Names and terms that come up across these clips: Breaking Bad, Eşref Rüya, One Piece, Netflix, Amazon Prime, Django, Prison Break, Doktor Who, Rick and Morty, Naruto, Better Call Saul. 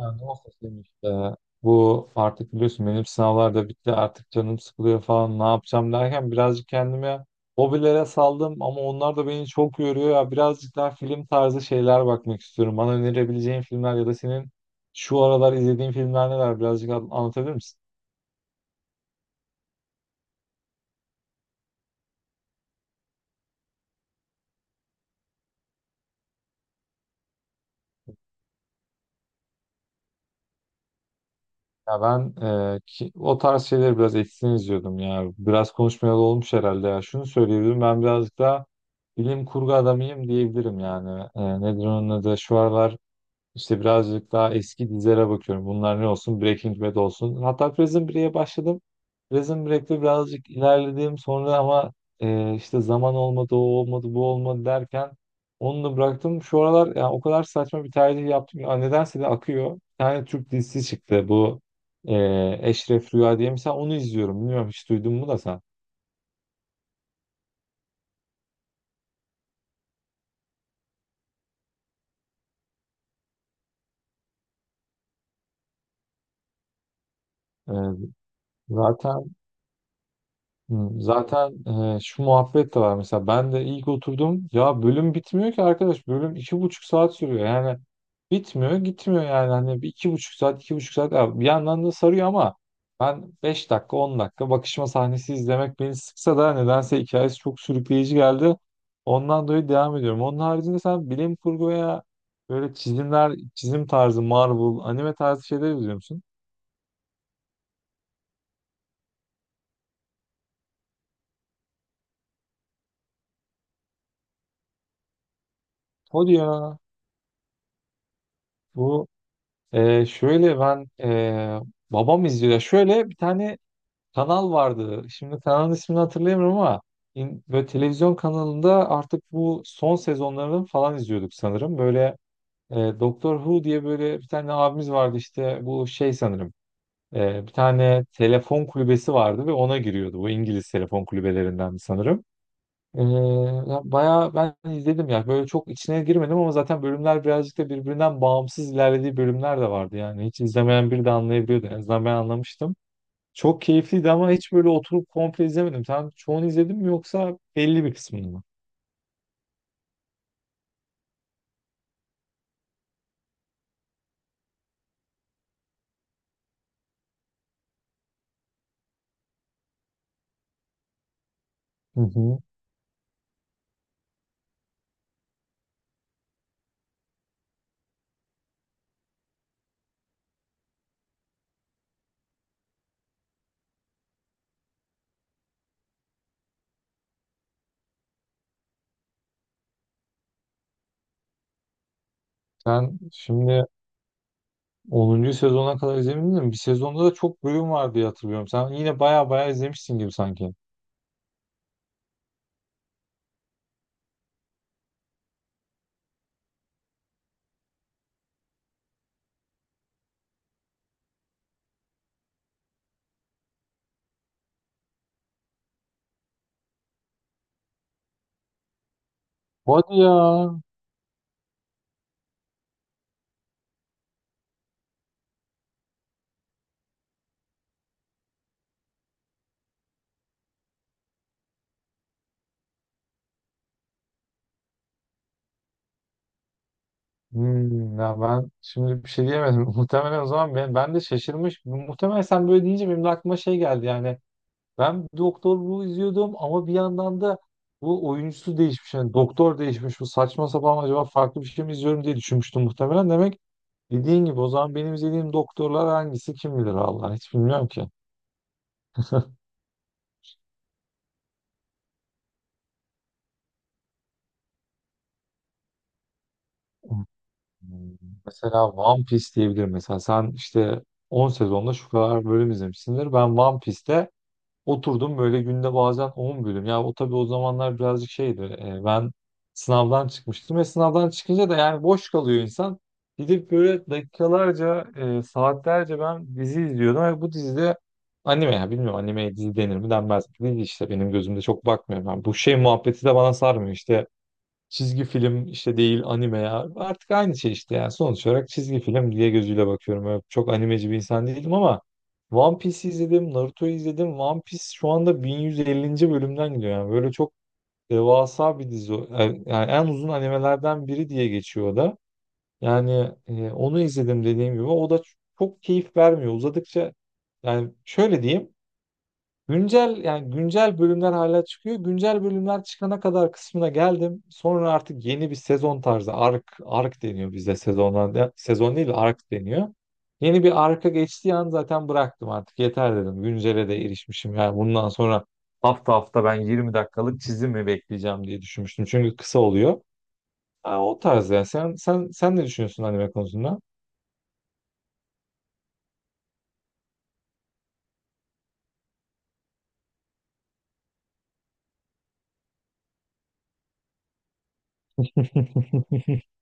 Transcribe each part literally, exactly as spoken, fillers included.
Ya ne olsa senin işte. Bu artık biliyorsun benim sınavlar da bitti artık canım sıkılıyor falan ne yapacağım derken birazcık kendime hobilere saldım ama onlar da beni çok yoruyor ya birazcık daha film tarzı şeyler bakmak istiyorum. Bana önerebileceğin filmler ya da senin şu aralar izlediğin filmler neler birazcık an- anlatabilir misin? Ya ben e, ki, o tarz şeyleri biraz eksin izliyordum ya. Biraz konuşmayalı olmuş herhalde ya. Şunu söyleyebilirim ben birazcık daha bilim kurgu adamıyım diyebilirim yani. E, nedir onun adı? Şu aralar İşte birazcık daha eski dizilere bakıyorum. Bunlar ne olsun? Breaking Bad olsun. Hatta Prison Break'e başladım. Prison Break'te birazcık ilerledim. Sonra ama e, işte zaman olmadı, o olmadı, bu olmadı derken onu da bıraktım. Şu aralar yani o kadar saçma bir tercih yaptım ki. Aa, nedense de akıyor. Bir tane Türk dizisi çıktı. Bu e, Eşref Rüya diye. Mesela onu izliyorum. Bilmiyorum hiç duydun mu da sen. E, zaten Hı, Zaten e, şu muhabbet de var mesela ben de ilk oturdum ya bölüm bitmiyor ki arkadaş bölüm iki buçuk saat sürüyor yani bitmiyor gitmiyor yani hani bir iki buçuk saat iki buçuk saat. Ya bir yandan da sarıyor ama ben beş dakika on dakika bakışma sahnesi izlemek beni sıksa da nedense hikayesi çok sürükleyici geldi, ondan dolayı devam ediyorum. Onun haricinde sen bilim kurgu veya böyle çizimler çizim tarzı, Marvel anime tarzı şeyler izliyor musun? Hadi ya. Bu Ee, şöyle ben ee, Babam izliyor. Ya şöyle bir tane kanal vardı. Şimdi kanalın ismini hatırlayamıyorum ama in- böyle televizyon kanalında artık bu son sezonlarını falan izliyorduk sanırım. Böyle e, Doktor Who diye böyle bir tane abimiz vardı işte bu şey sanırım. Ee, bir tane telefon kulübesi vardı ve ona giriyordu. Bu İngiliz telefon kulübelerinden sanırım. Ee, Ya bayağı ben izledim ya. Böyle çok içine girmedim ama zaten bölümler birazcık da birbirinden bağımsız ilerlediği bölümler de vardı yani. Hiç izlemeyen biri de anlayabiliyordu. En azından ben anlamıştım. Çok keyifliydi ama hiç böyle oturup komple izlemedim. Sen çoğunu izledin mi yoksa belli bir kısmını mı? Hı hı. Sen şimdi onuncu sezona kadar izlemedin mi? Bir sezonda da çok bölüm var diye hatırlıyorum. Sen yine bayağı bayağı izlemişsin gibi sanki. Hadi ya. Hmm, ya ben şimdi bir şey diyemedim. Muhtemelen o zaman ben, ben de şaşırmış. Muhtemelen sen böyle deyince benim de aklıma şey geldi yani. Ben Doktor Who izliyordum ama bir yandan da bu oyuncusu değişmiş. Yani doktor değişmiş. Bu saçma sapan acaba farklı bir şey mi izliyorum diye düşünmüştüm muhtemelen. Demek dediğin gibi o zaman benim izlediğim doktorlar hangisi kim bilir Allah, hiç bilmiyorum ki. Hmm. Mesela One Piece diyebilirim. Mesela sen işte on sezonda şu kadar bölüm izlemişsindir. Ben One Piece'te oturdum böyle günde bazen on bölüm. Ya o tabii o zamanlar birazcık şeydi. E, ben sınavdan çıkmıştım ve sınavdan çıkınca da yani boş kalıyor insan. Gidip böyle dakikalarca, e, saatlerce ben dizi izliyordum ve bu dizide, anime ya, bilmiyorum animeye dizi denir mi denmez mi? Dizi işte benim gözümde çok bakmıyor. Ben bu şey muhabbeti de bana sarmıyor işte. Çizgi film işte, değil anime ya. Artık aynı şey işte yani. Sonuç olarak çizgi film diye gözüyle bakıyorum. Öyle çok animeci bir insan değilim ama One Piece izledim, Naruto'yu izledim. One Piece şu anda bin yüz ellinci. bölümden gidiyor yani. Böyle çok devasa bir dizi. o. Yani yani en uzun animelerden biri diye geçiyor o da. Yani e, onu izledim dediğim gibi. O da çok keyif vermiyor. Uzadıkça yani şöyle diyeyim. Güncel yani güncel bölümler hala çıkıyor. Güncel bölümler çıkana kadar kısmına geldim. Sonra artık yeni bir sezon tarzı, ark ark deniyor bizde sezonlarda. Sezon değil de ark deniyor. Yeni bir arka geçtiği an zaten bıraktım artık. Yeter dedim. Güncele de erişmişim. Yani bundan sonra hafta hafta ben yirmi dakikalık çizim mi bekleyeceğim diye düşünmüştüm. Çünkü kısa oluyor. Ha, o tarz yani. Sen sen sen ne düşünüyorsun anime konusunda?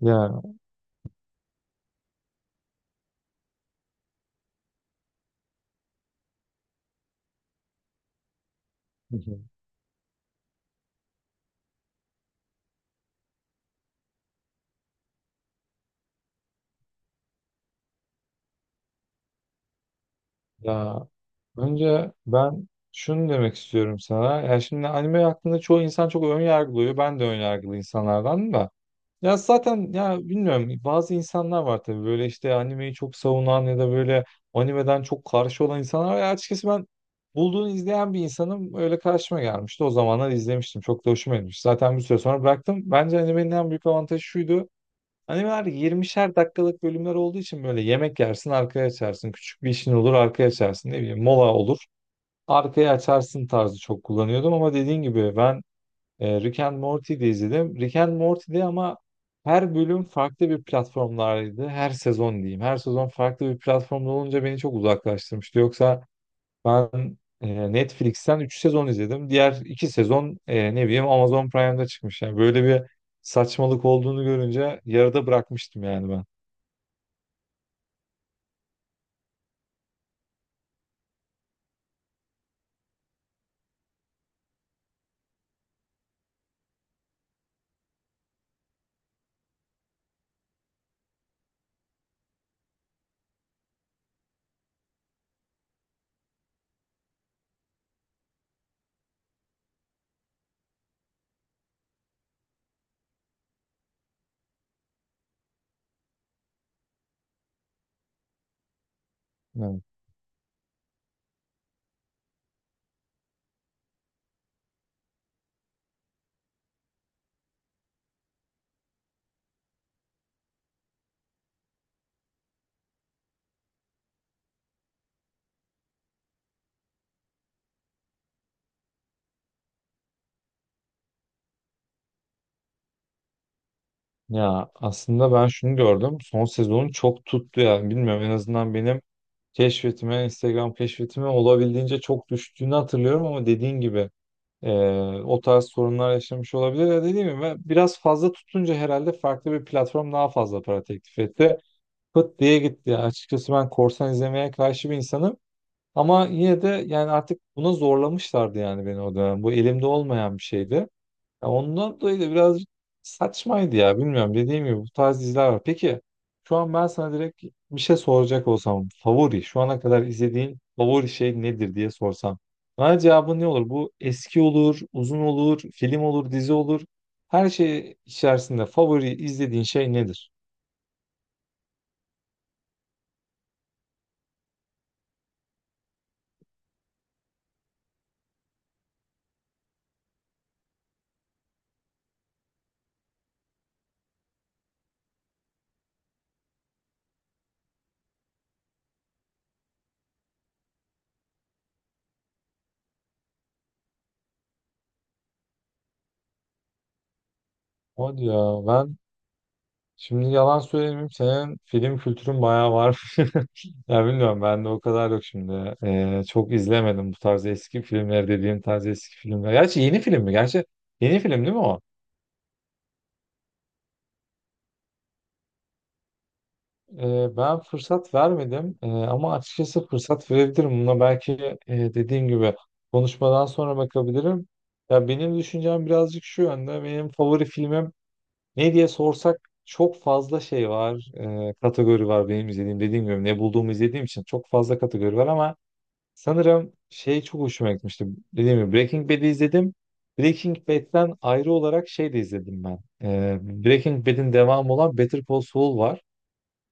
Ya ya Önce ben şunu demek istiyorum sana. Yani şimdi anime hakkında çoğu insan çok ön yargılıyor. Ben de ön yargılı insanlardan da. Ya zaten ya bilmiyorum, bazı insanlar var tabii böyle işte animeyi çok savunan ya da böyle animeden çok karşı olan insanlar var. Ya açıkçası ben bulduğunu izleyen bir insanım, öyle karşıma gelmişti. O zamanlar izlemiştim. Çok da hoşuma gitmiş. Zaten bir süre sonra bıraktım. Bence animenin en büyük avantajı şuydu: animeler yirmişer dakikalık bölümler olduğu için böyle yemek yersin arkaya açarsın. Küçük bir işin olur arkaya açarsın. Ne bileyim mola olur arkaya açarsın tarzı çok kullanıyordum ama dediğin gibi ben e, Rick and Morty'de izledim. Rick and Morty'de ama her bölüm farklı bir platformlardaydı. Her sezon diyeyim. Her sezon farklı bir platformda olunca beni çok uzaklaştırmıştı. Yoksa ben e, Netflix'ten üç sezon izledim. Diğer iki sezon e, ne bileyim Amazon Prime'da çıkmış. Yani böyle bir saçmalık olduğunu görünce yarıda bırakmıştım yani ben. Evet. Ya aslında ben şunu gördüm. Son sezonu çok tuttu yani. Bilmiyorum, en azından benim keşfetime, Instagram keşfetime olabildiğince çok düştüğünü hatırlıyorum ama dediğin gibi e, o tarz sorunlar yaşamış olabilir. Ya dediğim gibi ben, biraz fazla tutunca herhalde farklı bir platform daha fazla para teklif etti. Pıt diye gitti. Yani açıkçası ben korsan izlemeye karşı bir insanım. Ama yine de yani artık buna zorlamışlardı yani beni o dönem. Bu elimde olmayan bir şeydi. Ya ondan dolayı da biraz saçmaydı ya, bilmiyorum, dediğim gibi bu tarz diziler var. Peki şu an ben sana direkt bir şey soracak olsam, favori, şu ana kadar izlediğin favori şey nedir diye sorsam, bana cevabın ne olur? Bu eski olur, uzun olur, film olur, dizi olur. Her şey içerisinde favori izlediğin şey nedir? Hadi ya, ben şimdi yalan söylemeyeyim, senin film kültürün bayağı var. Ya bilmiyorum, ben de o kadar yok şimdi. Ee, çok izlemedim bu tarz eski filmleri, dediğim tarz eski filmler. Gerçi yeni film mi? Gerçi yeni film değil mi o? Ee, ben fırsat vermedim Ee, ama açıkçası fırsat verebilirim. Buna belki e, dediğim gibi konuşmadan sonra bakabilirim. Ya benim düşüncem birazcık şu yönde. Benim favori filmim ne diye sorsak, çok fazla şey var, e, kategori var benim izlediğim. Dediğim gibi ne bulduğumu izlediğim için çok fazla kategori var ama sanırım şey çok hoşuma gitmişti. Dediğim gibi Breaking Bad'i izledim. Breaking Bad'den ayrı olarak şey de izledim ben. E, Breaking Bad'in devamı olan Better Call Saul var.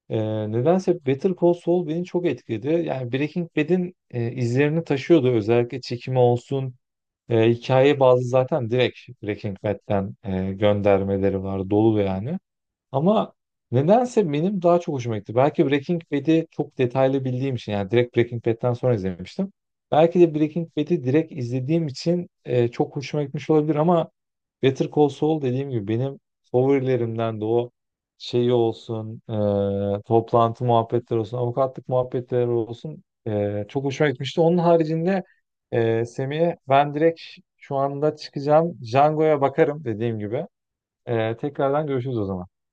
E, Nedense Better Call Saul beni çok etkiledi. Yani Breaking Bad'in e, izlerini taşıyordu. Özellikle çekimi olsun, e, hikaye bazı zaten direkt Breaking Bad'den e, göndermeleri var. Dolu yani. Ama nedense benim daha çok hoşuma gitti. Belki Breaking Bad'i çok detaylı bildiğim için, yani direkt Breaking Bad'den sonra izlemiştim. Belki de Breaking Bad'i direkt izlediğim için e, çok hoşuma gitmiş olabilir ama Better Call Saul dediğim gibi benim favorilerimden, de o şeyi olsun, e, toplantı muhabbetleri olsun, avukatlık muhabbetleri olsun e, çok hoşuma gitmişti. Onun haricinde e, Semih'e ben direkt şu anda çıkacağım. Django'ya bakarım dediğim gibi. E, tekrardan görüşürüz o zaman.